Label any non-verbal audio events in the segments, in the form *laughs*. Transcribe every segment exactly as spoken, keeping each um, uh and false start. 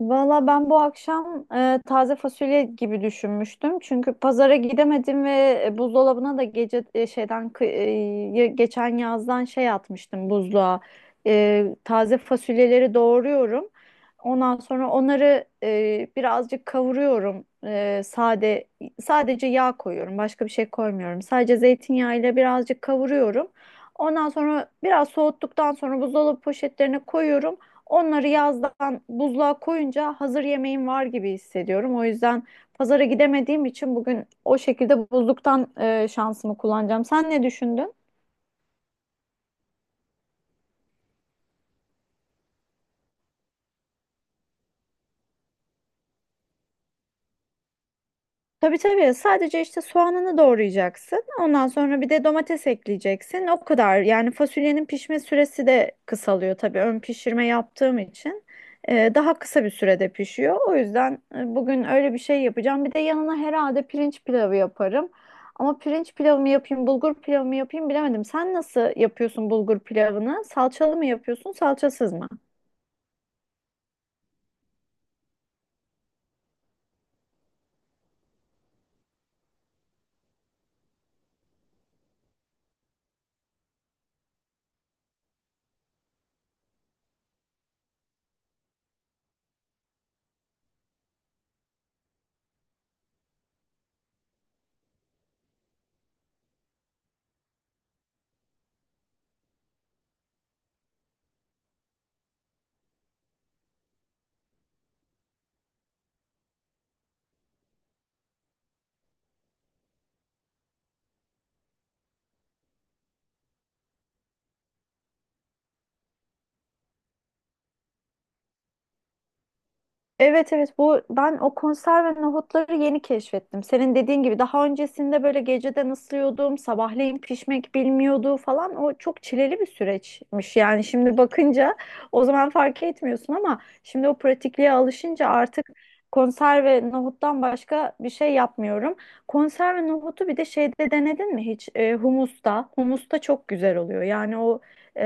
Valla ben bu akşam e, taze fasulye gibi düşünmüştüm. Çünkü pazara gidemedim ve e, buzdolabına da gece e, şeyden kı- e, ye- geçen yazdan şey atmıştım buzluğa. E, taze fasulyeleri doğruyorum. Ondan sonra onları e, birazcık kavuruyorum. E, sade sadece yağ koyuyorum. Başka bir şey koymuyorum. Sadece zeytinyağı ile birazcık kavuruyorum. Ondan sonra biraz soğuttuktan sonra buzdolabı poşetlerine koyuyorum. Onları yazdan buzluğa koyunca hazır yemeğim var gibi hissediyorum. O yüzden pazara gidemediğim için bugün o şekilde buzluktan e, şansımı kullanacağım. Sen ne düşündün? Tabii, tabii. Sadece işte soğanını doğrayacaksın. Ondan sonra bir de domates ekleyeceksin. O kadar. Yani fasulyenin pişme süresi de kısalıyor tabii. Ön pişirme yaptığım için e, daha kısa bir sürede pişiyor. O yüzden e, bugün öyle bir şey yapacağım. Bir de yanına herhalde pirinç pilavı yaparım. Ama pirinç pilavı mı yapayım, bulgur pilavı mı yapayım bilemedim. Sen nasıl yapıyorsun bulgur pilavını? Salçalı mı yapıyorsun, salçasız mı? Evet, evet, bu ben o konserve nohutları yeni keşfettim. Senin dediğin gibi daha öncesinde böyle geceden ısırıyordum, sabahleyin pişmek bilmiyordu falan. O çok çileli bir süreçmiş. Yani şimdi bakınca o zaman fark etmiyorsun ama şimdi o pratikliğe alışınca artık konserve nohuttan başka bir şey yapmıyorum. Konserve nohutu bir de şeyde denedin mi hiç? E, humusta. Humusta çok güzel oluyor. Yani o e,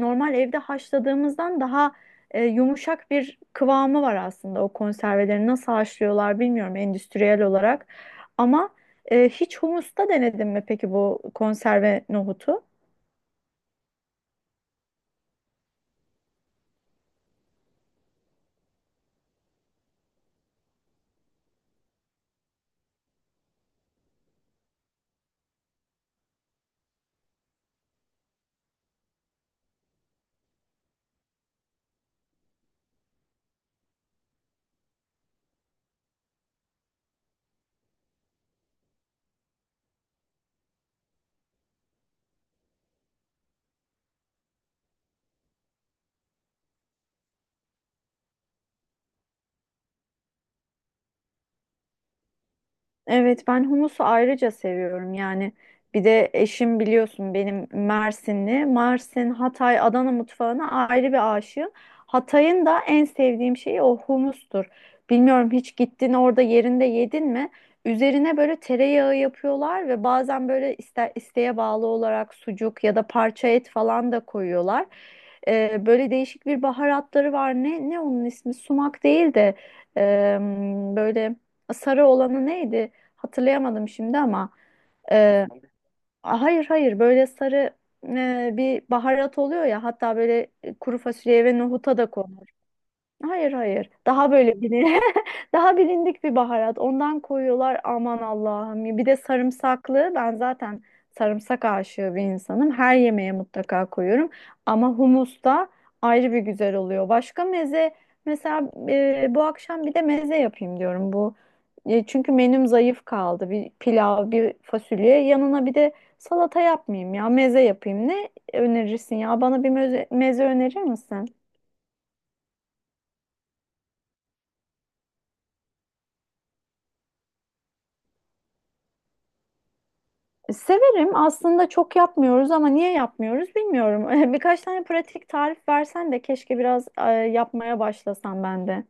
normal evde haşladığımızdan daha e, yumuşak bir kıvamı var aslında o konserveleri nasıl haşlıyorlar bilmiyorum endüstriyel olarak. Ama e, hiç humusta denedin mi peki bu konserve nohutu? Evet, ben humusu ayrıca seviyorum. Yani bir de eşim biliyorsun benim Mersinli, Mersin, Hatay, Adana mutfağına ayrı bir aşığım. Hatay'ın da en sevdiğim şeyi o humustur. Bilmiyorum, hiç gittin orada yerinde yedin mi? Üzerine böyle tereyağı yapıyorlar ve bazen böyle iste, isteğe bağlı olarak sucuk ya da parça et falan da koyuyorlar. Ee, böyle değişik bir baharatları var, ne ne onun ismi, sumak değil de em, böyle sarı olanı neydi? Hatırlayamadım şimdi ama e, hayır, hayır, böyle sarı e, bir baharat oluyor ya, hatta böyle e, kuru fasulyeye ve nohuta da konuyor. Hayır, hayır. Daha böyle bilin *laughs* daha bilindik bir baharat. Ondan koyuyorlar, aman Allah'ım. Bir de sarımsaklı. Ben zaten sarımsak aşığı bir insanım. Her yemeğe mutlaka koyuyorum. Ama humus da ayrı bir güzel oluyor. Başka meze, mesela e, bu akşam bir de meze yapayım diyorum bu. E, çünkü menüm zayıf kaldı. Bir pilav, bir fasulye. Yanına bir de salata yapmayayım ya. Meze yapayım. Ne önerirsin ya? Bana bir meze, meze önerir misin? Severim. Aslında çok yapmıyoruz ama niye yapmıyoruz bilmiyorum. *laughs* Birkaç tane pratik tarif versen de keşke biraz e, yapmaya başlasam ben de.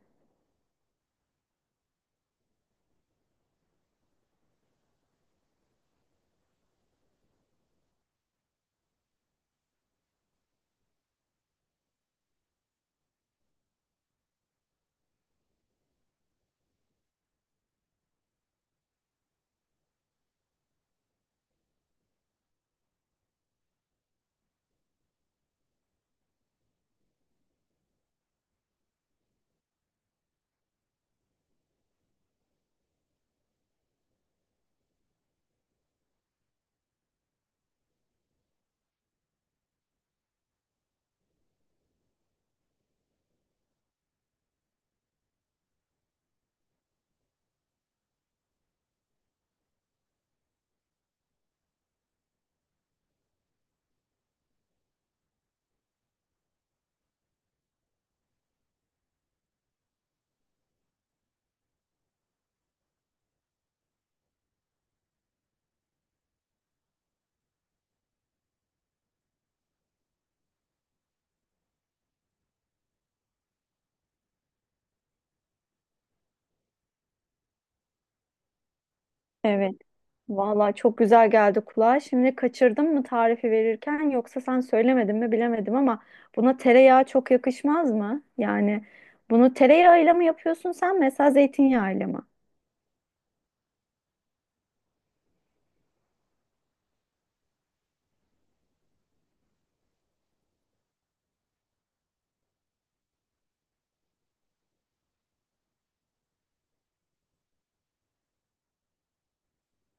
Evet. Vallahi çok güzel geldi kulağa. Şimdi kaçırdım mı tarifi verirken, yoksa sen söylemedin mi bilemedim, ama buna tereyağı çok yakışmaz mı? Yani bunu tereyağıyla mı yapıyorsun sen, mesela zeytinyağıyla mı?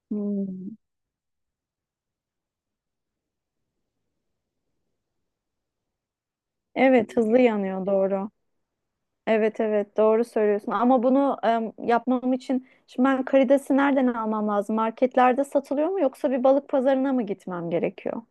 Hmm. Evet, hızlı yanıyor, doğru. Evet, evet, doğru söylüyorsun, ama bunu em, yapmam için şimdi ben karidesi nereden almam lazım? Marketlerde satılıyor mu, yoksa bir balık pazarına mı gitmem gerekiyor?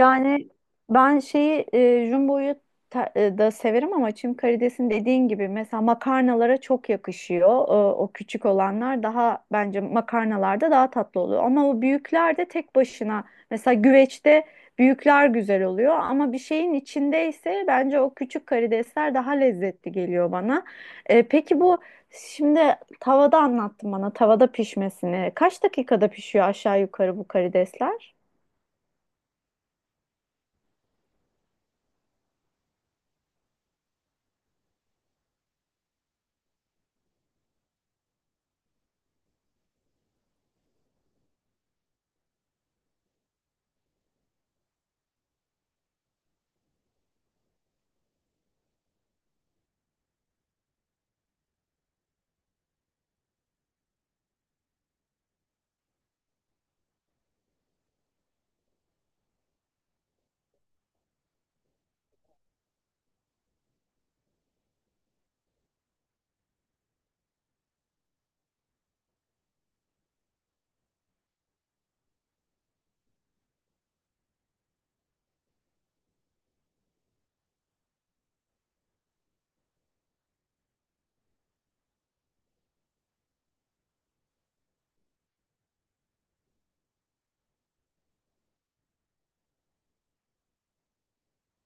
Yani ben şeyi e, jumbo'yu ta- e, da severim, ama çim karidesin dediğin gibi mesela makarnalara çok yakışıyor. E, o küçük olanlar daha bence makarnalarda daha tatlı oluyor. Ama o büyükler de tek başına, mesela güveçte, büyükler güzel oluyor, ama bir şeyin içindeyse bence o küçük karidesler daha lezzetli geliyor bana. E, peki bu şimdi tavada anlattın bana tavada pişmesini. Kaç dakikada pişiyor aşağı yukarı bu karidesler?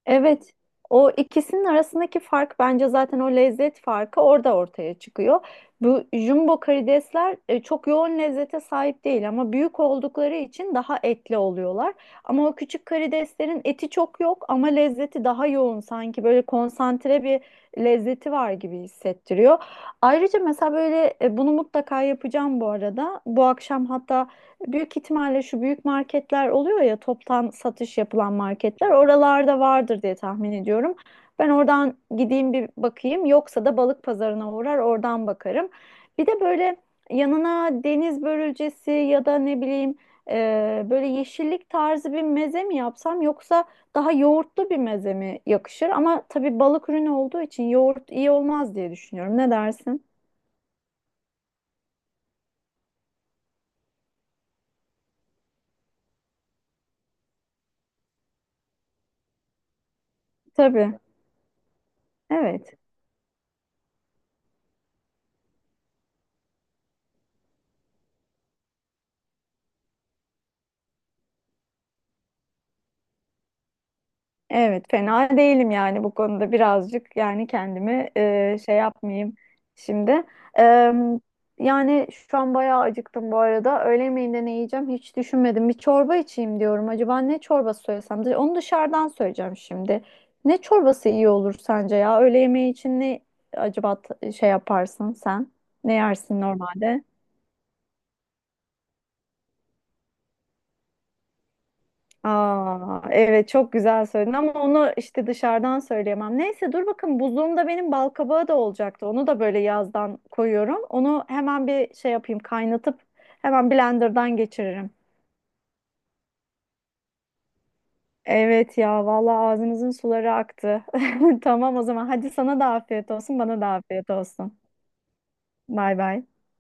Evet, o ikisinin arasındaki fark bence zaten o lezzet farkı orada ortaya çıkıyor. Bu jumbo karidesler e, çok yoğun lezzete sahip değil ama büyük oldukları için daha etli oluyorlar. Ama o küçük karideslerin eti çok yok ama lezzeti daha yoğun, sanki böyle konsantre bir lezzeti var gibi hissettiriyor. Ayrıca mesela böyle e, bunu mutlaka yapacağım bu arada. Bu akşam hatta. Büyük ihtimalle şu büyük marketler oluyor ya, toptan satış yapılan marketler, oralarda vardır diye tahmin ediyorum. Ben oradan gideyim bir bakayım, yoksa da balık pazarına uğrar oradan bakarım. Bir de böyle yanına deniz börülcesi ya da ne bileyim e, böyle yeşillik tarzı bir meze mi yapsam, yoksa daha yoğurtlu bir meze mi yakışır? Ama tabii balık ürünü olduğu için yoğurt iyi olmaz diye düşünüyorum. Ne dersin? Tabii. Evet. Evet, fena değilim yani bu konuda birazcık, yani kendimi e, şey yapmayayım şimdi. E, Yani şu an bayağı acıktım bu arada. Öğle yemeğinde ne yiyeceğim hiç düşünmedim. Bir çorba içeyim diyorum. Acaba ne çorbası söylesem? Dış- Onu dışarıdan söyleyeceğim şimdi. Ne çorbası iyi olur sence ya? Öğle yemeği için ne acaba, t- şey yaparsın sen? Ne yersin normalde? Aa, evet, çok güzel söyledin, ama onu işte dışarıdan söyleyemem. Neyse, dur bakın, buzluğumda benim bal kabağı da olacaktı. Onu da böyle yazdan koyuyorum. Onu hemen bir şey yapayım, kaynatıp hemen blenderdan geçiririm. Evet ya, vallahi ağzımızın suları aktı. *laughs* Tamam, o zaman hadi, sana da afiyet olsun, bana da afiyet olsun. Bay bay.